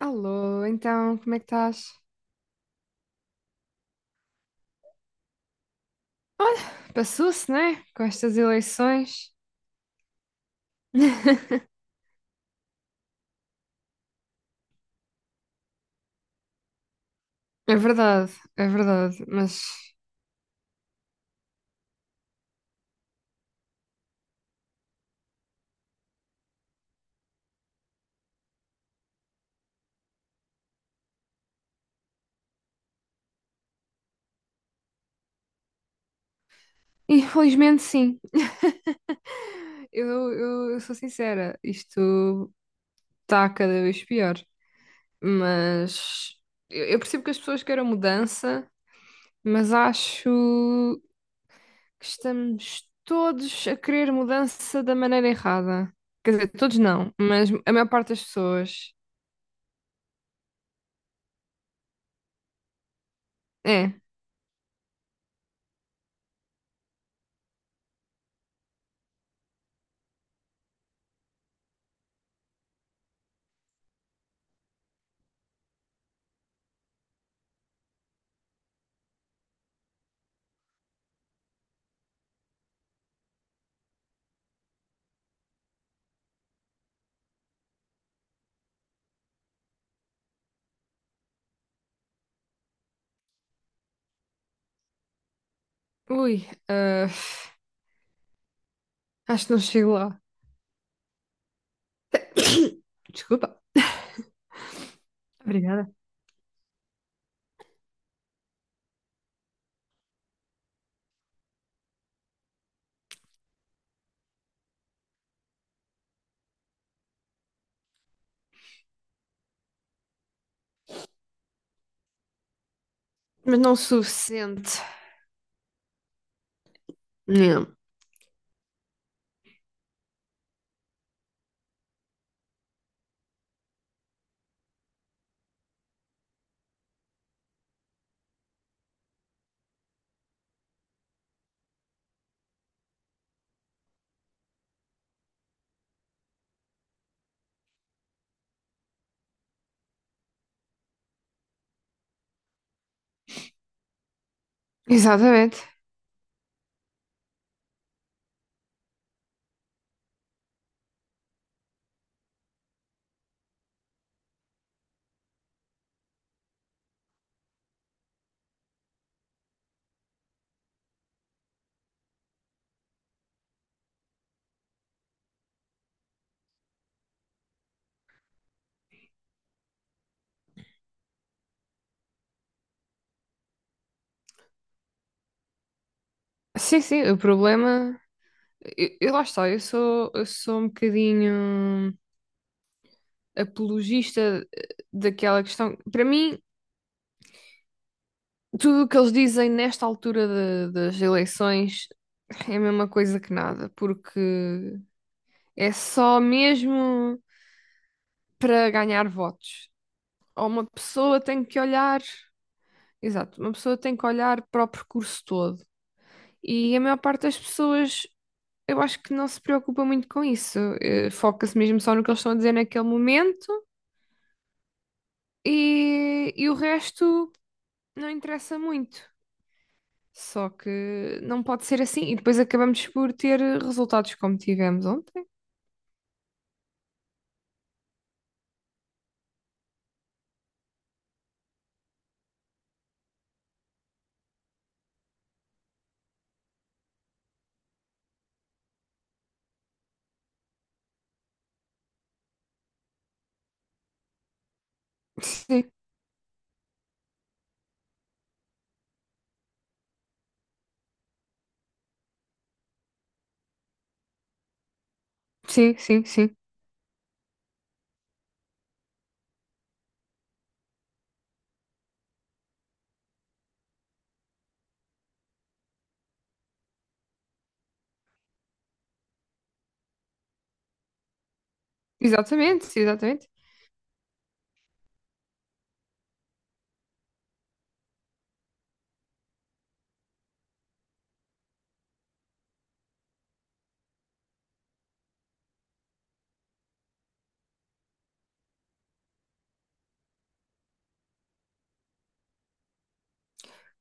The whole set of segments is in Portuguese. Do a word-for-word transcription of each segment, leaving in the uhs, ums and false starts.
Alô, então, como é que estás? Olha, passou-se, né? Com estas eleições. É verdade, é verdade, mas infelizmente sim. Eu, eu, eu sou sincera, isto está cada vez pior. Mas eu, eu percebo que as pessoas queiram mudança, mas acho que estamos todos a querer mudança da maneira errada. Quer dizer, todos não, mas a maior parte das pessoas. É. Ui, ah, acho que não chego lá. Desculpa. Obrigada. Mas não o suficiente. Não. Exatamente. Sim, sim, o problema. Eu, eu lá está, eu sou, eu sou um bocadinho apologista eh, daquela questão. Para mim, tudo o que eles dizem nesta altura da- das eleições é a mesma coisa que nada, porque é só mesmo para ganhar votos. Ou uma pessoa tem que olhar. Exato, uma pessoa tem que olhar para o percurso todo. E a maior parte das pessoas, eu acho que não se preocupa muito com isso. Eh, foca-se mesmo só no que eles estão a dizer naquele momento e, e o resto não interessa muito. Só que não pode ser assim. E depois acabamos por ter resultados como tivemos ontem. Sim, sim, sim, sim. Exatamente, sim, exatamente.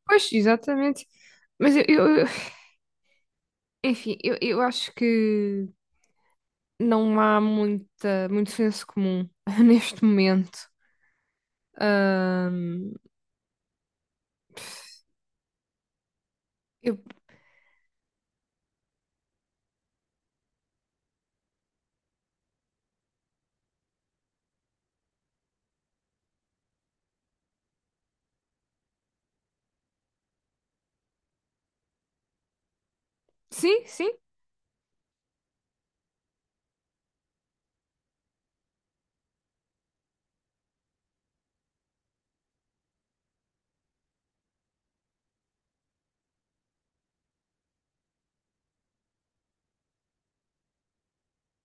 Pois, exatamente. Mas eu, eu- eu- enfim, eu, eu acho que não há muita, muito senso comum neste momento. Ahm, eu, Sim, sim.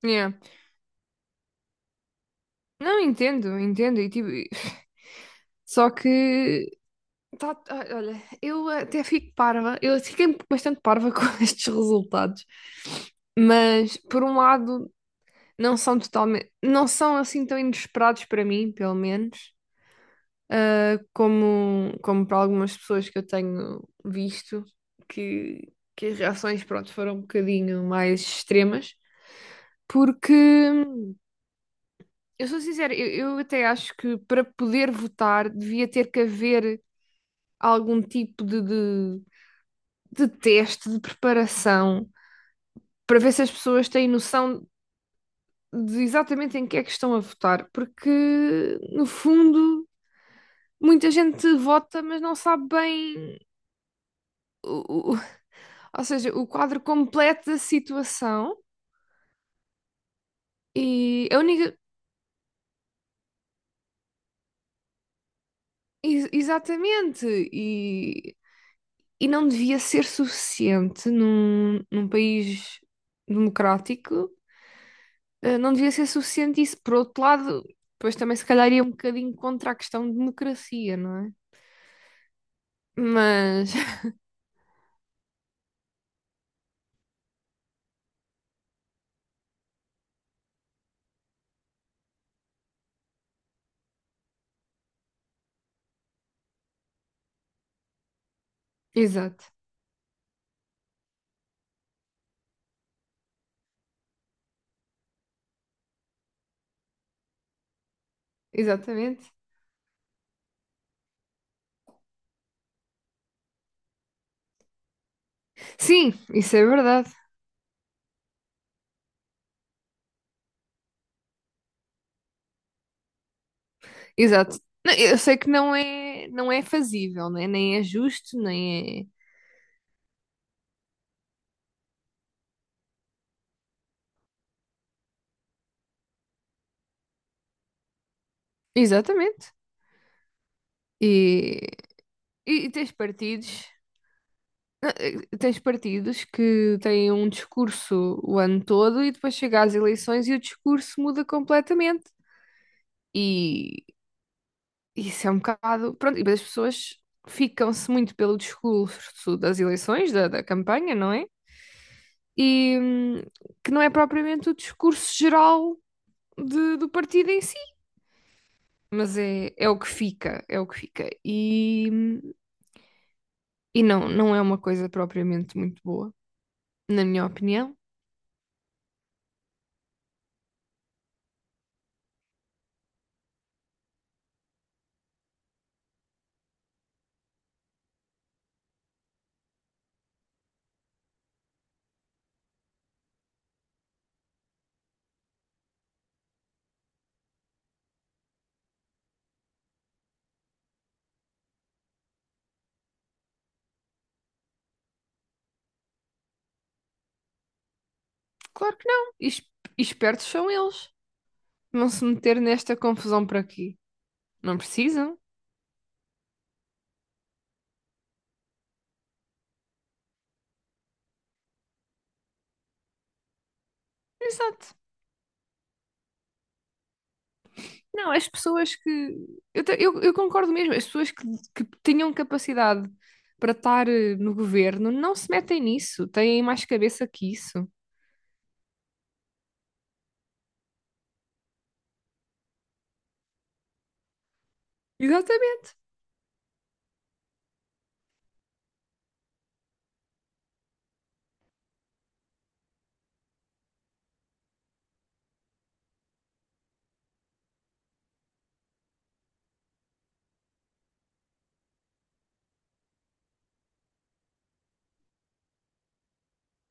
Yeah. Não, entendo, entendo. E, tipo, e- só que. Tá, ah, olha, eu até fico parva. Eu fiquei bastante parva com estes resultados. Mas, por um lado, não são totalmente. Não são assim tão inesperados para mim, pelo menos. ah, como, como para algumas pessoas que eu tenho visto, que, que as reações, pronto, foram um bocadinho mais extremas. Porque. Eu sou sincera, eu, eu até acho que para poder votar devia ter que haver algum tipo de, de, de teste, de preparação, para ver se as pessoas têm noção de exatamente em que é que estão a votar, porque no fundo muita gente vota, mas não sabe bem o, o- ou seja, o quadro completo da situação e a única. ex- Exatamente, e e não devia ser suficiente num, num país democrático, eh, não devia ser suficiente isso. Por outro lado, depois também se calhar ia um bocadinho contra a questão de democracia, não é? Mas, exato, exatamente. Sim, isso é verdade. Exato. Não, eu sei que não é, não é fazível, né? Nem é justo, nem é. Exatamente. E, e e tens partidos. Ah, eh, Tens partidos que têm um discurso o ano todo e depois chega às eleições e o discurso muda completamente. E isso é um bocado. Pronto, e depois as pessoas ficam-se muito pelo discurso das eleições, da, da campanha, não é? E hum, que não é propriamente o discurso geral de- do partido em si, mas é, é o que fica, é o que fica. E, hum, e não, não é uma coisa propriamente muito boa, na minha opinião. Claro que não. E es- e espertos são eles. Vão se meter nesta confusão por aqui. Não precisam? Exato. Não, as pessoas que. Eu, te- eu, eu concordo mesmo, as pessoas que, que tinham capacidade para estar eh, no governo não se metem nisso, têm mais cabeça que isso. Exatamente.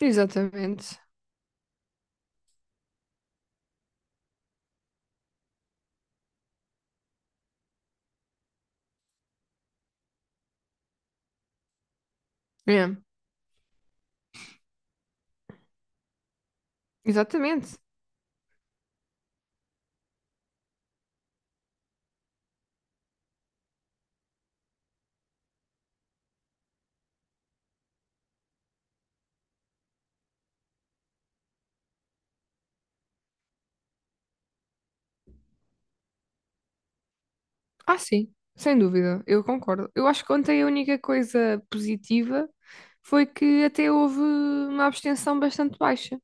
Exatamente. É, exatamente. Ah, sim, sem dúvida, eu concordo. Eu acho que ontem a única coisa positiva foi que até houve uma abstenção bastante baixa.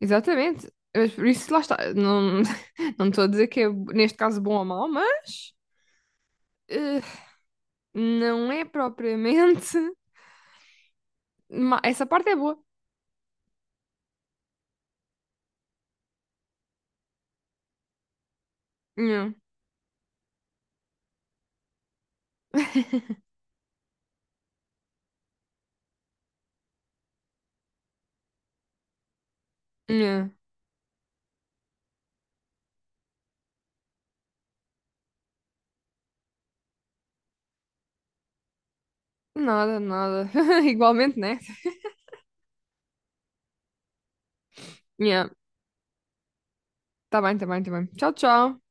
Exatamente. Mas por isso, lá está. Não, não estou a dizer que é, neste caso, bom ou mau, mas eh, não é propriamente. ma- Essa parte é boa. Nhã. Nhã. Nada, nada. Igualmente, né? Nhã. Tá bem, tá bem, tá bem. Tchau, tchau.